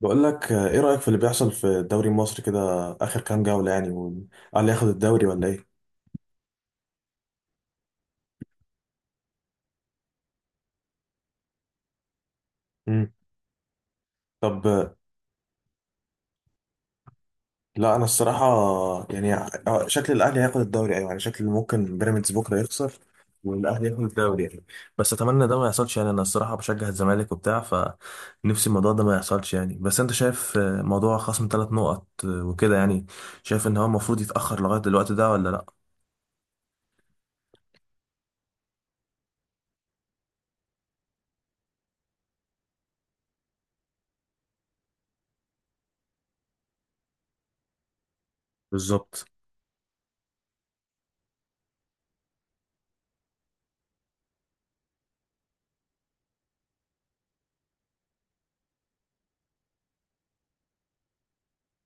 بقول لك ايه رأيك في اللي بيحصل في الدوري المصري كده، اخر كام جولة يعني؟ وقال ياخد الدوري ولا ايه؟ مم. طب لا انا الصراحة شكل الاهلي هياخد الدوري، ايوه يعني شكل ممكن بيراميدز بكرة يخسر والاهلي ياخد الدوري يعني. بس اتمنى ده ما يحصلش يعني، انا الصراحة بشجع الزمالك وبتاع فنفسي الموضوع ده ما يحصلش يعني. بس انت شايف موضوع خصم 3 نقط وكده يعني، شايف ان هو المفروض يتأخر لغاية الوقت ده ولا لا؟ بالظبط.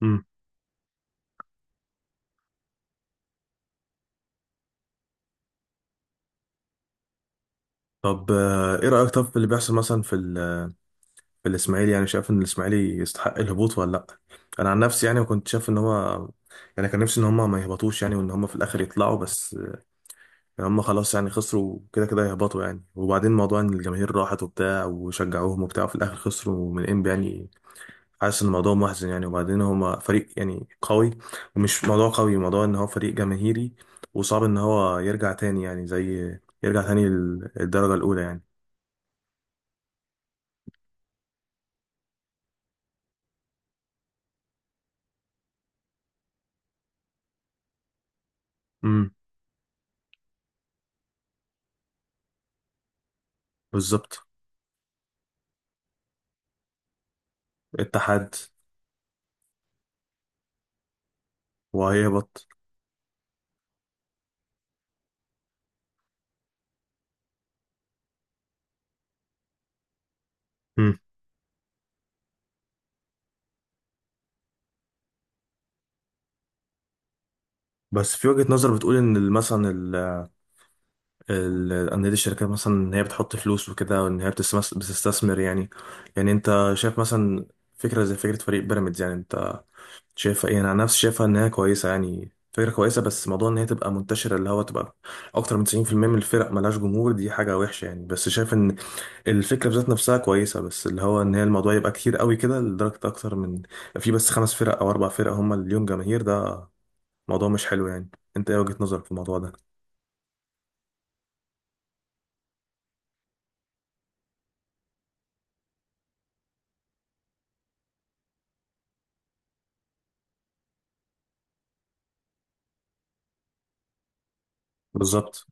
مم. طب ايه رأيك طب في اللي بيحصل مثلا في في الاسماعيلي يعني؟ شايف ان الاسماعيلي يستحق الهبوط ولا لا؟ انا عن نفسي يعني كنت شايف ان هو يعني كان نفسي ان هم ما يهبطوش يعني، وان هم في الاخر يطلعوا. بس يعني هم خلاص يعني خسروا كده كده هيهبطوا يعني. وبعدين موضوع ان الجماهير راحت وبتاع وشجعوهم وبتاع وفي الاخر خسروا من انبي يعني، حاسس ان الموضوع محزن يعني. وبعدين هم فريق يعني قوي، ومش موضوع قوي، موضوع ان هو فريق جماهيري، وصعب ان هو يرجع تاني يعني، زي يرجع تاني للدرجة الاولى يعني. امم، بالظبط. اتحاد. وهيهبط. بس في وجهة نظر بتقول ان انديه الشركات، مثلا ان هي بتحط فلوس وكده وان هي بتستثمر يعني. يعني انت شايف مثلا فكره زي فكره فريق بيراميدز، يعني انت شايفها ايه؟ انا عن نفسي شايفها ان هي كويسه يعني، فكره كويسه. بس موضوع ان هي تبقى منتشره، اللي هو تبقى اكتر من 90% من الفرق ملهاش جمهور، دي حاجه وحشه يعني. بس شايف ان الفكره بذات نفسها كويسه، بس اللي هو ان هي الموضوع يبقى كتير قوي كده لدرجه اكتر من، في بس 5 فرق او 4 فرق هم اللي ليهم جماهير، ده الموضوع مش حلو يعني. انت ايه وجهة نظرك في الموضوع ده؟ بالظبط.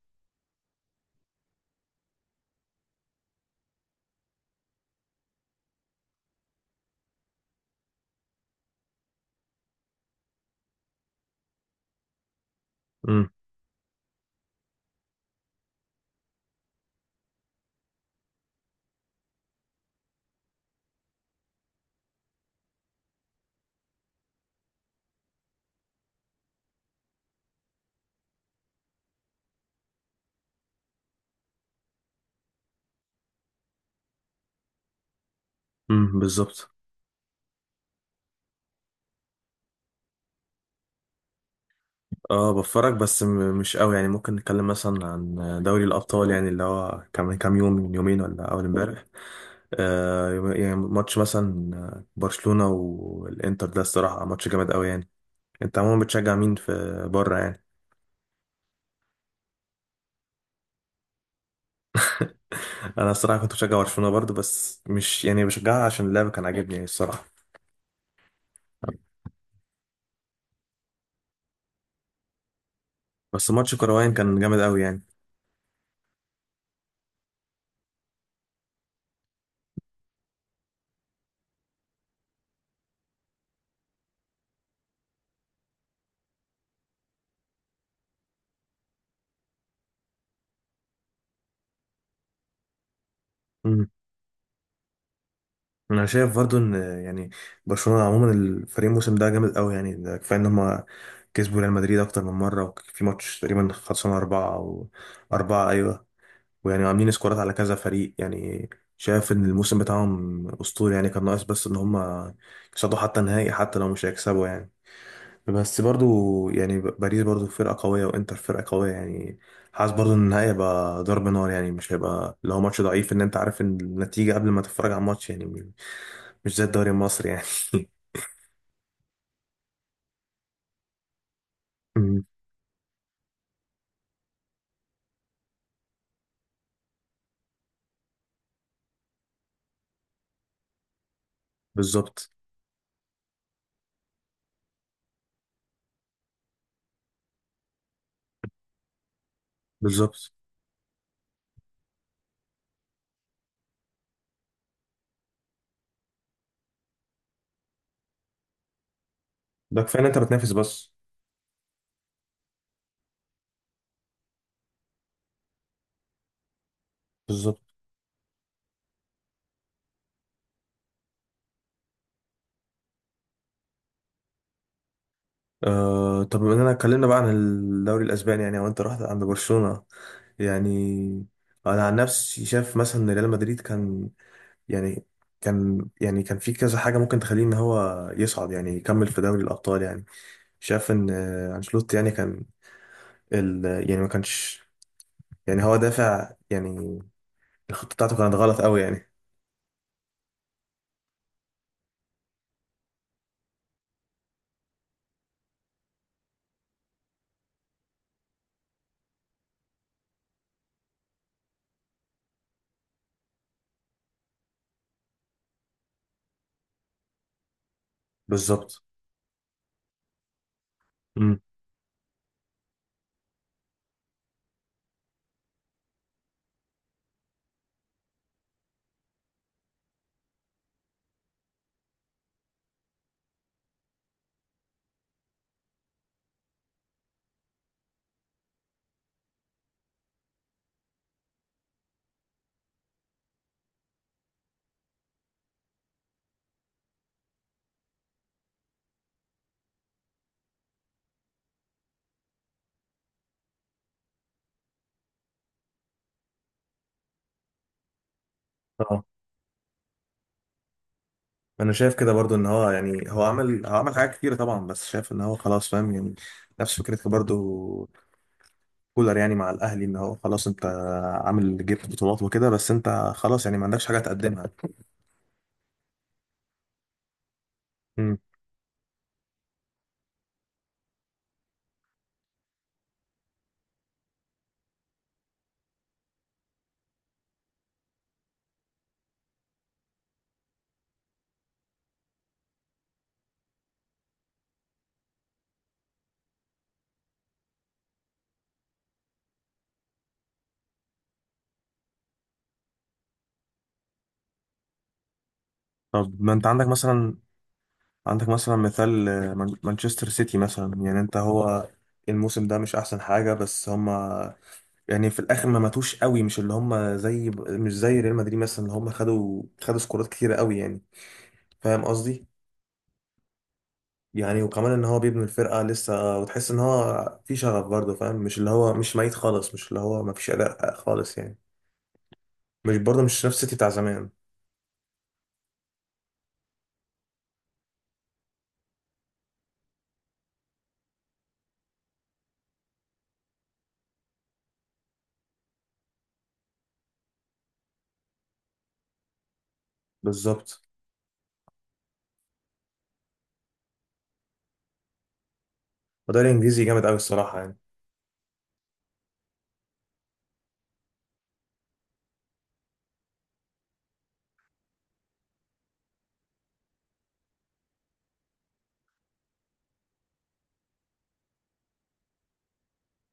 امم. امم، بالظبط. اه بتفرج بس مش قوي يعني. ممكن نتكلم مثلا عن دوري الابطال يعني، اللي هو كان من كام يوم، من يومين، ولا اول امبارح، آه يعني ماتش مثلا برشلونة والانتر، ده الصراحة ماتش جامد قوي يعني. انت عموما بتشجع مين في بره يعني؟ انا الصراحة كنت بشجع برشلونة برضه، بس مش يعني بشجعها عشان اللعب كان عاجبني يعني الصراحة. بس ماتش كروان كان جامد قوي يعني. انا شايف برضو ان يعني برشلونه عموما، الفريق الموسم ده جامد قوي يعني. ده كفايه ان هم كسبوا ريال مدريد اكتر من مره، وفي ماتش تقريبا خلصان اربعه او اربعه، ايوه. ويعني عاملين سكورات على كذا فريق يعني. شايف ان الموسم بتاعهم اسطوري يعني، كان ناقص بس ان هم يصعدوا حتى نهائي حتى لو مش هيكسبوا يعني. بس برضو يعني باريس برضو فرقه قويه وانتر فرقه قويه يعني. حاسس برضو ان النهائي هيبقى ضرب نار يعني، مش هيبقى اللي هو ماتش ضعيف ان انت عارف ان النتيجه قبل ما تتفرج على الماتش يعني، مش زي الدوري المصري يعني. أمم، بالظبط. بالظبط. ده كفايه ان انت بتنافس بس. بالظبط. آه، طب بما اننا اتكلمنا بقى عن الدوري الاسباني يعني وانت رحت عند برشلونه يعني، انا عن نفسي شايف مثلا ان ريال مدريد كان يعني، كان يعني كان في كذا حاجه ممكن تخليه ان هو يصعد يعني يكمل في دوري الابطال يعني. شايف ان انشيلوتي يعني كان ال، يعني ما كانش يعني، هو دافع يعني، الخطه بتاعته كانت غلط قوي يعني. بالظبط. امم. انا شايف كده برضو ان هو يعني، هو عمل هو عمل حاجات كتيره طبعا، بس شايف ان هو خلاص فاهم يعني، نفس فكرتك برضو. كولر يعني مع الاهلي، ان هو خلاص انت عامل جبت بطولات وكده بس انت خلاص يعني ما عندكش حاجه تقدمها. امم. طب ما انت عندك مثلا، عندك مثلا مثال مانشستر سيتي مثلا، يعني انت هو الموسم ده مش احسن حاجه، بس هما يعني في الاخر ما ماتوش قوي، مش اللي هما زي مش زي ريال مدريد مثلا اللي هما خدوا سكورات كتيره قوي يعني، فاهم قصدي؟ يعني وكمان ان هو بيبني الفرقه لسه، وتحس ان هو في شغف برضه، فاهم مش اللي هو مش ميت خالص، مش اللي هو ما فيش اداء خالص يعني، مش برضه مش نفس السيتي بتاع زمان. بالظبط. وده الانجليزي جامد قوي الصراحه يعني.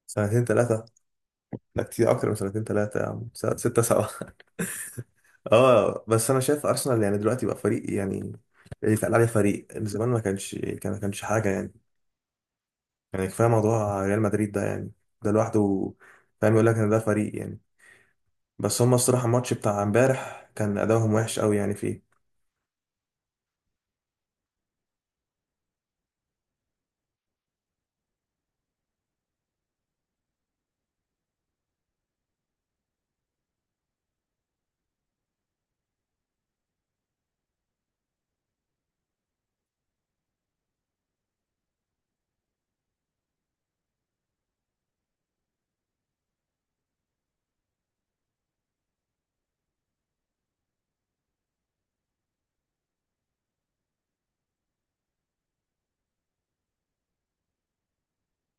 سنتين ثلاثه. لا كتير اكتر من 2 أو 3 سنين يا عم، 6 أو 7. اه بس انا شايف ارسنال يعني دلوقتي بقى فريق يعني يتقال عليه فريق، زمان ما كانش، ما كانش حاجه يعني. يعني كفايه موضوع ريال مدريد ده يعني، ده لوحده فاهم، يقول لك ان ده فريق يعني. بس هما الصراحة الماتش بتاع امبارح كان أداؤهم وحش قوي يعني فيه.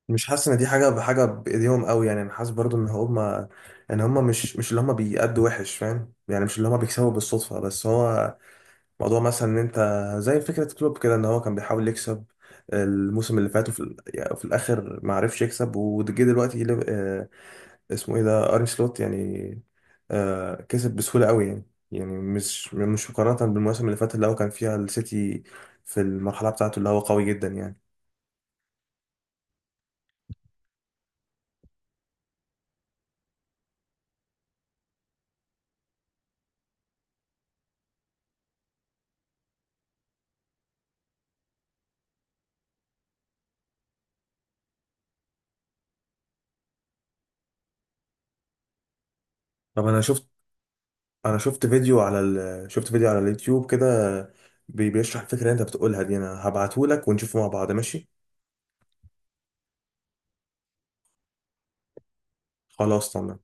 مش حاسس إن دي حاجة بحاجة بإيديهم قوي يعني، أنا حاسس برضو إن هما مش اللي هما بيأدوا وحش فاهم يعني، مش اللي هما بيكسبوا بالصدفة. بس هو موضوع مثلا إن أنت زي فكرة كلوب كده، إن هو كان بيحاول يكسب الموسم اللي فات وفي يعني في الآخر ما عرفش يكسب، وجه دلوقتي اسمه ايه ده، ارني سلوت يعني، آه كسب بسهولة قوي يعني. يعني مش مقارنة بالمواسم اللي فاتت اللي هو كان فيها السيتي في المرحلة بتاعته اللي هو قوي جدا يعني. طب انا شفت، انا شفت فيديو على شفت فيديو على اليوتيوب كده، بيشرح الفكرة اللي انت بتقولها دي، انا هبعته لك ونشوفه مع بعض ماشي. خلاص تمام.